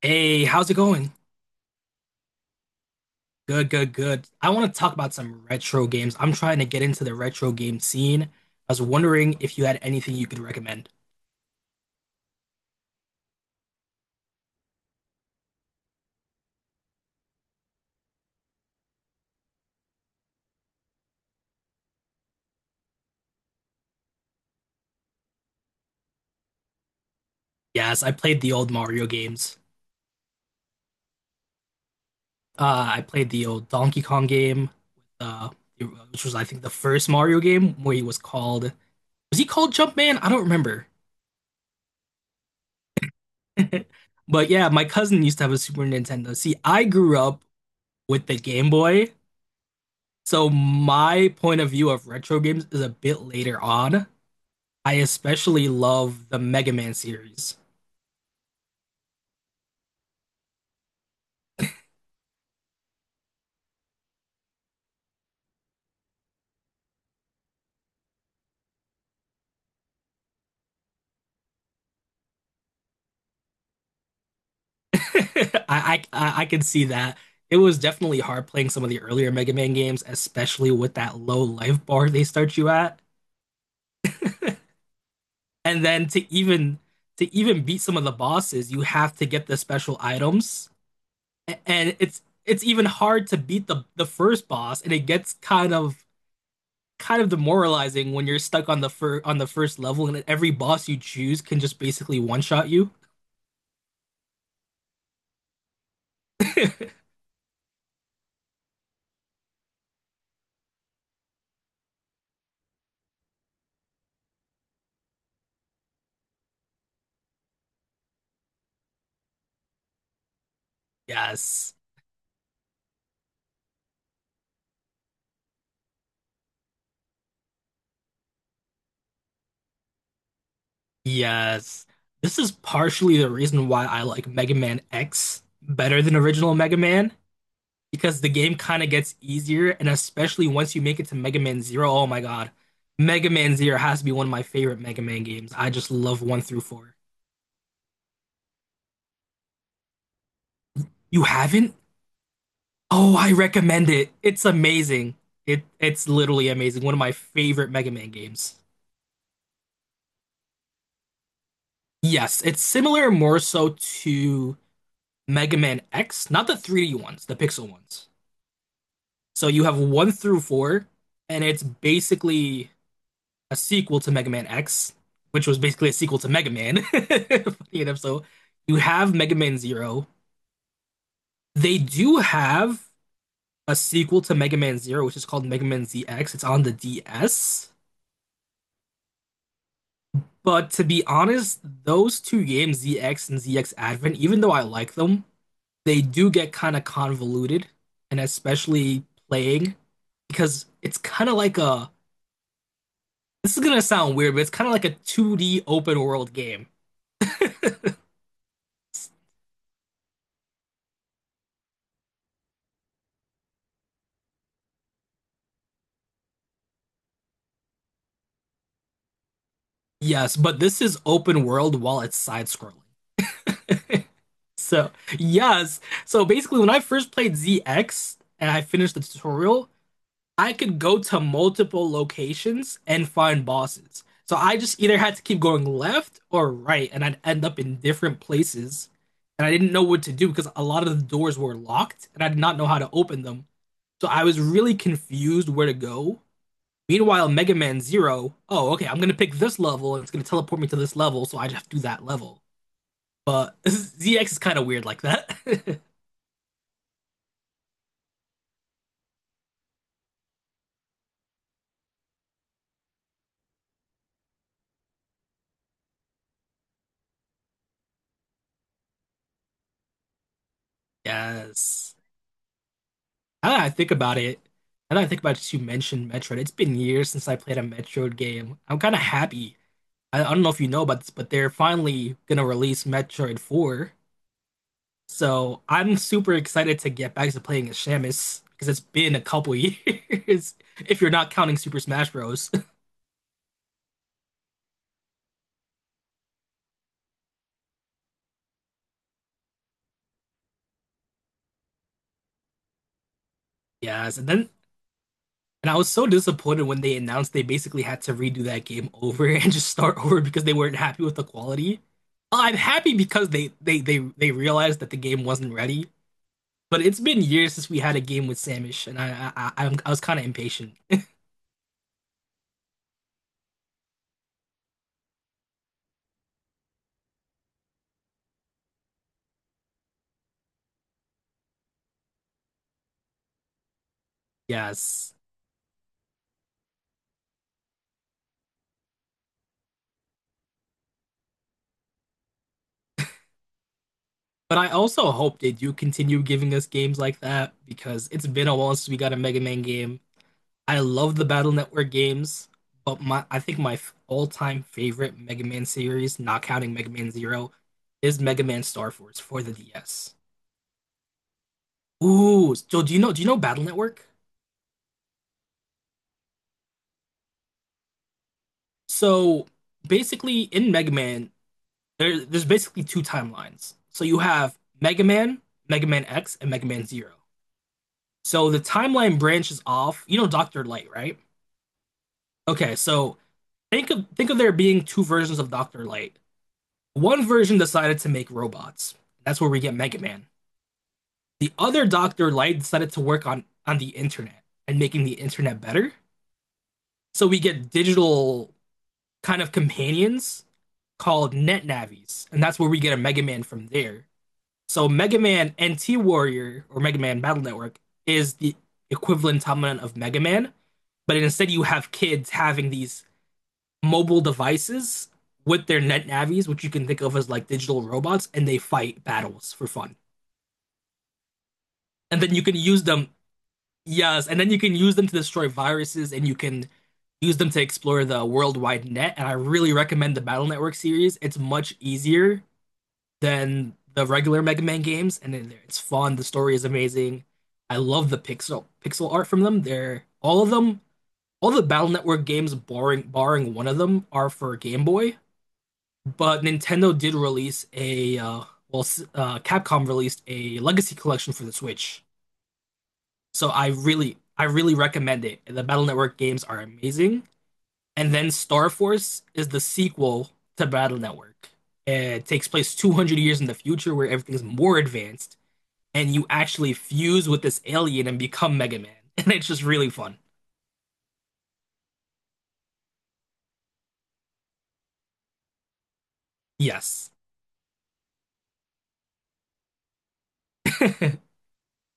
Hey, how's it going? Good, good, good. I want to talk about some retro games. I'm trying to get into the retro game scene. I was wondering if you had anything you could recommend. Yes, I played the old Mario games. I played the old Donkey Kong game, uh, which was I think the first Mario game where he was called was he called Jumpman? I don't remember. But yeah, my cousin used to have a Super Nintendo. See, I grew up with the Game Boy, so my point of view of retro games is a bit later on. I especially love the Mega Man series. I can see that. It was definitely hard playing some of the earlier Mega Man games, especially with that low life bar they start you at. And then to even beat some of the bosses, you have to get the special items. And it's even hard to beat the first boss, and it gets kind of demoralizing when you're stuck on the fir on the first level and every boss you choose can just basically one-shot you. Yes. Yes. This is partially the reason why I like Mega Man X better than original Mega Man, because the game kind of gets easier, and especially once you make it to Mega Man Zero, oh my God. Mega Man Zero has to be one of my favorite Mega Man games. I just love one through four. You haven't? Oh, I recommend it. It's amazing. It it's literally amazing. One of my favorite Mega Man games. Yes, it's similar more so to Mega Man X, not the 3D ones, the pixel ones. So you have one through four, and it's basically a sequel to Mega Man X, which was basically a sequel to Mega Man. Funny enough, so you have Mega Man Zero. They do have a sequel to Mega Man Zero, which is called Mega Man ZX. It's on the DS. But to be honest, those two games, ZX and ZX Advent, even though I like them, they do get kind of convoluted, and especially playing because it's kind of like a this is gonna sound weird, but it's kind of like a 2D open world game. Yes, but this is open world while it's side scrolling. So, yes. So basically, when I first played ZX and I finished the tutorial, I could go to multiple locations and find bosses. So I just either had to keep going left or right, and I'd end up in different places. And I didn't know what to do because a lot of the doors were locked, and I did not know how to open them. So I was really confused where to go. Meanwhile, Mega Man Zero, oh, okay, I'm gonna pick this level and it's gonna teleport me to this level, so I just have to do that level. But ZX is kind of weird like that. Yes. Now that I think about it, now that I think about it, you mentioned Metroid. It's been years since I played a Metroid game. I'm kind of happy. I don't know if you know about this, but they're finally gonna release Metroid 4. So I'm super excited to get back to playing as Samus because it's been a couple years if you're not counting Super Smash Bros. Yes, and then and I was so disappointed when they announced they basically had to redo that game over and just start over because they weren't happy with the quality. Well, I'm happy because they realized that the game wasn't ready. But it's been years since we had a game with Samish, and I was kind of impatient. Yes. But I also hope they do continue giving us games like that because it's been a while since we got a Mega Man game. I love the Battle Network games, but my I think my all-time favorite Mega Man series, not counting Mega Man Zero, is Mega Man Star Force for the DS. Ooh, so do you know Battle Network? So basically in Mega Man, there's basically two timelines. So you have Mega Man, Mega Man X, and Mega Man Zero. So the timeline branches off. You know Dr. Light, right? Okay, so think of there being two versions of Dr. Light. One version decided to make robots. That's where we get Mega Man. The other Dr. Light decided to work on, the internet and making the internet better. So we get digital kind of companions called Net Navies, and that's where we get a Mega Man from there. So Mega Man NT Warrior or Mega Man Battle Network is the equivalent dominant of Mega Man, but instead you have kids having these mobile devices with their net navies, which you can think of as like digital robots, and they fight battles for fun. And then you can use them, yes, and then you can use them to destroy viruses and you can use them to explore the worldwide net. And I really recommend the Battle Network series. It's much easier than the regular Mega Man games, and it's fun. The story is amazing. I love the pixel art from them. They're all of them, all the Battle Network games, barring one of them, are for Game Boy. But Nintendo did release a Capcom released a Legacy Collection for the Switch. So I really recommend it. The Battle Network games are amazing. And then Star Force is the sequel to Battle Network. It takes place 200 years in the future where everything's more advanced, and you actually fuse with this alien and become Mega Man. And it's just really fun. Yes.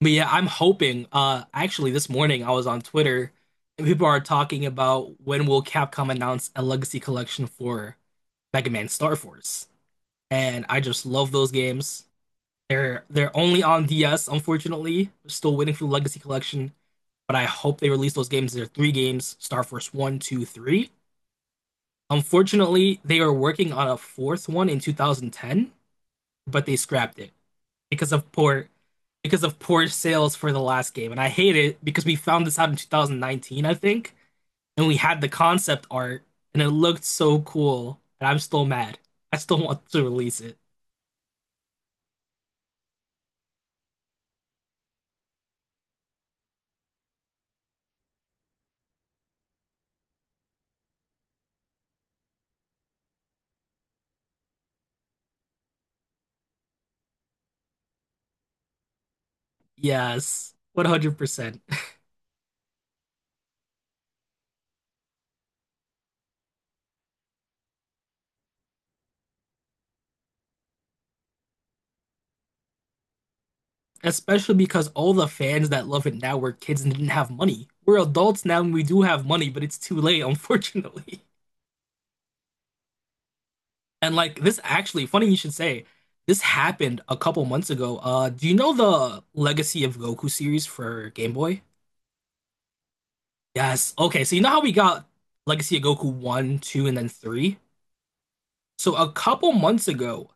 But yeah, I'm hoping. Actually, this morning I was on Twitter and people are talking about when will Capcom announce a legacy collection for Mega Man Star Force. And I just love those games. They're only on DS, unfortunately. We're still waiting for the legacy collection, but I hope they release those games. There are three games, Star Force One, 2, 3. Unfortunately, they are working on a fourth one in 2010, but they scrapped it because of poor because of poor sales for the last game. And I hate it because we found this out in 2019, I think, and we had the concept art and it looked so cool, and I'm still mad. I still want to release it. Yes, 100%. Especially because all the fans that love it now were kids and didn't have money. We're adults now and we do have money, but it's too late, unfortunately. And like this actually, funny you should say, this happened a couple months ago. Do you know the Legacy of Goku series for Game Boy? Yes. Okay, so you know how we got Legacy of Goku 1, 2, and then 3? So a couple months ago,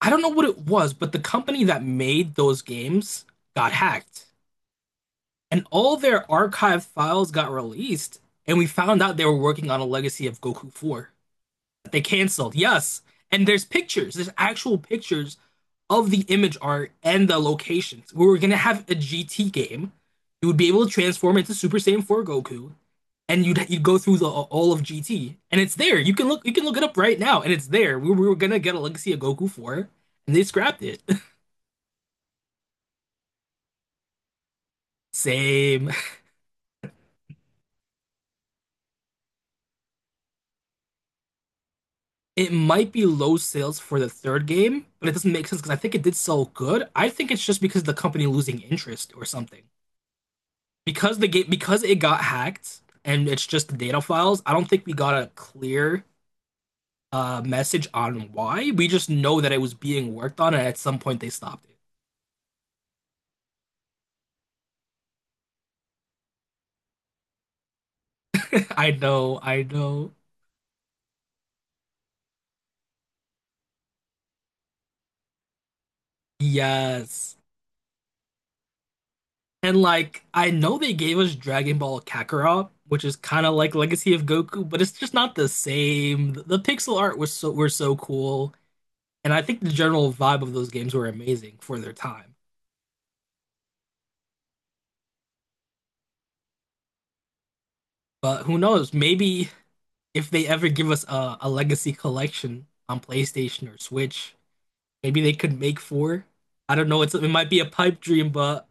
I don't know what it was, but the company that made those games got hacked. And all their archived files got released, and we found out they were working on a legacy of Goku 4 that they canceled. Yes. And there's actual pictures of the image art and the locations. We were gonna have a GT game. You would be able to transform into Super Saiyan 4 Goku, and you'd go through the all of GT, and it's there. You can look it up right now, and it's there. We were gonna get a legacy of Goku 4, and they scrapped it. Same. It might be low sales for the third game, but it doesn't make sense because I think it did sell good. I think it's just because of the company losing interest or something. Because because it got hacked and it's just the data files, I don't think we got a clear message on why. We just know that it was being worked on, and at some point they stopped it. I know. Yes. And like, I know they gave us Dragon Ball Kakarot, which is kind of like Legacy of Goku, but it's just not the same. The pixel art was so were so cool. And I think the general vibe of those games were amazing for their time. But who knows? Maybe if they ever give us a legacy collection on PlayStation or Switch, maybe they could make four. I don't know. It might be a pipe dream, but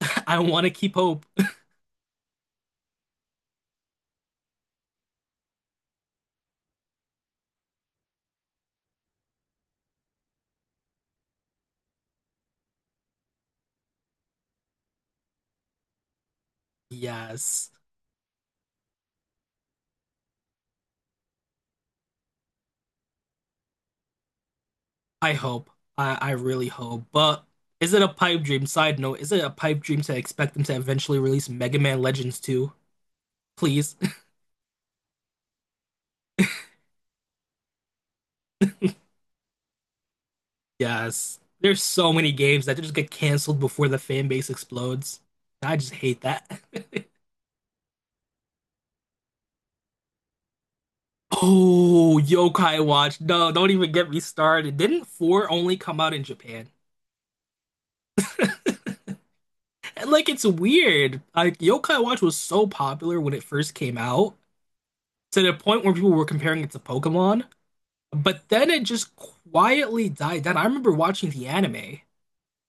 I want to keep hope. Yes, I hope. I really hope. But is it a pipe dream? Side note: is it a pipe dream to expect them to eventually release Mega Man Legends 2? Please. Yes. There's so many games that just get canceled before the fan base explodes. I just hate that. Oh, Yokai Watch. No, don't even get me started. Didn't 4 only come out in Japan? And like it's weird. Like Yokai Watch was so popular when it first came out to the point where people were comparing it to Pokemon, but then it just quietly died down. I remember watching the anime. It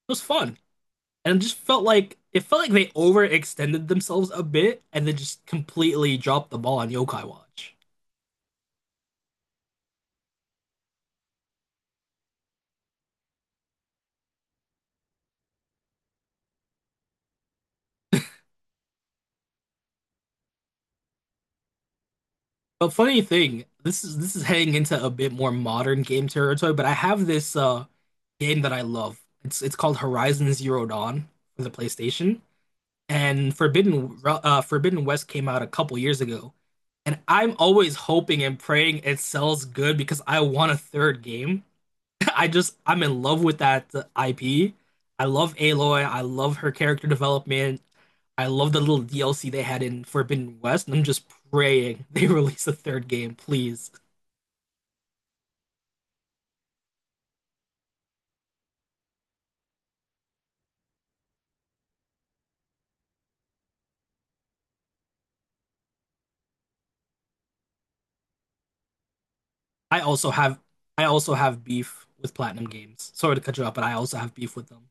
was fun. And it just felt like they overextended themselves a bit and then just completely dropped the ball on Yokai Watch. But funny thing, this is heading into a bit more modern game territory, but I have this game that I love. It's called Horizon Zero Dawn for the PlayStation, and Forbidden West came out a couple years ago. And I'm always hoping and praying it sells good because I want a third game. I'm in love with that IP. I love Aloy. I love her character development. I love the little DLC they had in Forbidden West, and I'm just praying they release a third game, please. I also have I also have beef with Platinum Games. Sorry to cut you off, but I also have beef with them.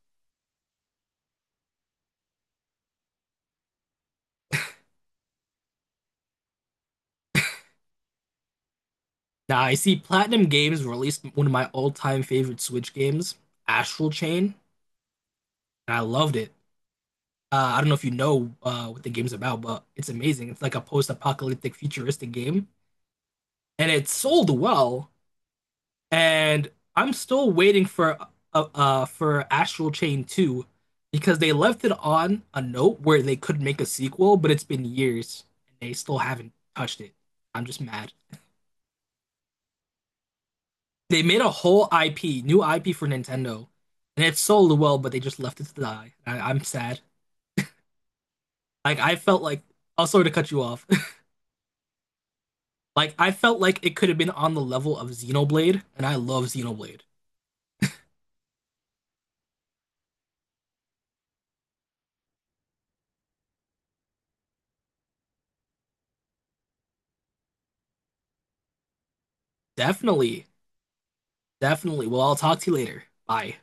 Now I see Platinum Games released one of my all-time favorite Switch games, Astral Chain, and I loved it. I don't know if you know what the game's about, but it's amazing. It's like a post-apocalyptic futuristic game and it sold well. And I'm still waiting for Astral Chain 2 because they left it on a note where they could make a sequel, but it's been years and they still haven't touched it. I'm just mad. They made a whole IP, new IP for Nintendo, and it sold well, but they just left it to die. I'm sad. Like I felt like I'll sorry to cut you off. Like I felt like it could have been on the level of Xenoblade, and I love Xenoblade. Definitely, definitely. Well, I'll talk to you later. Bye.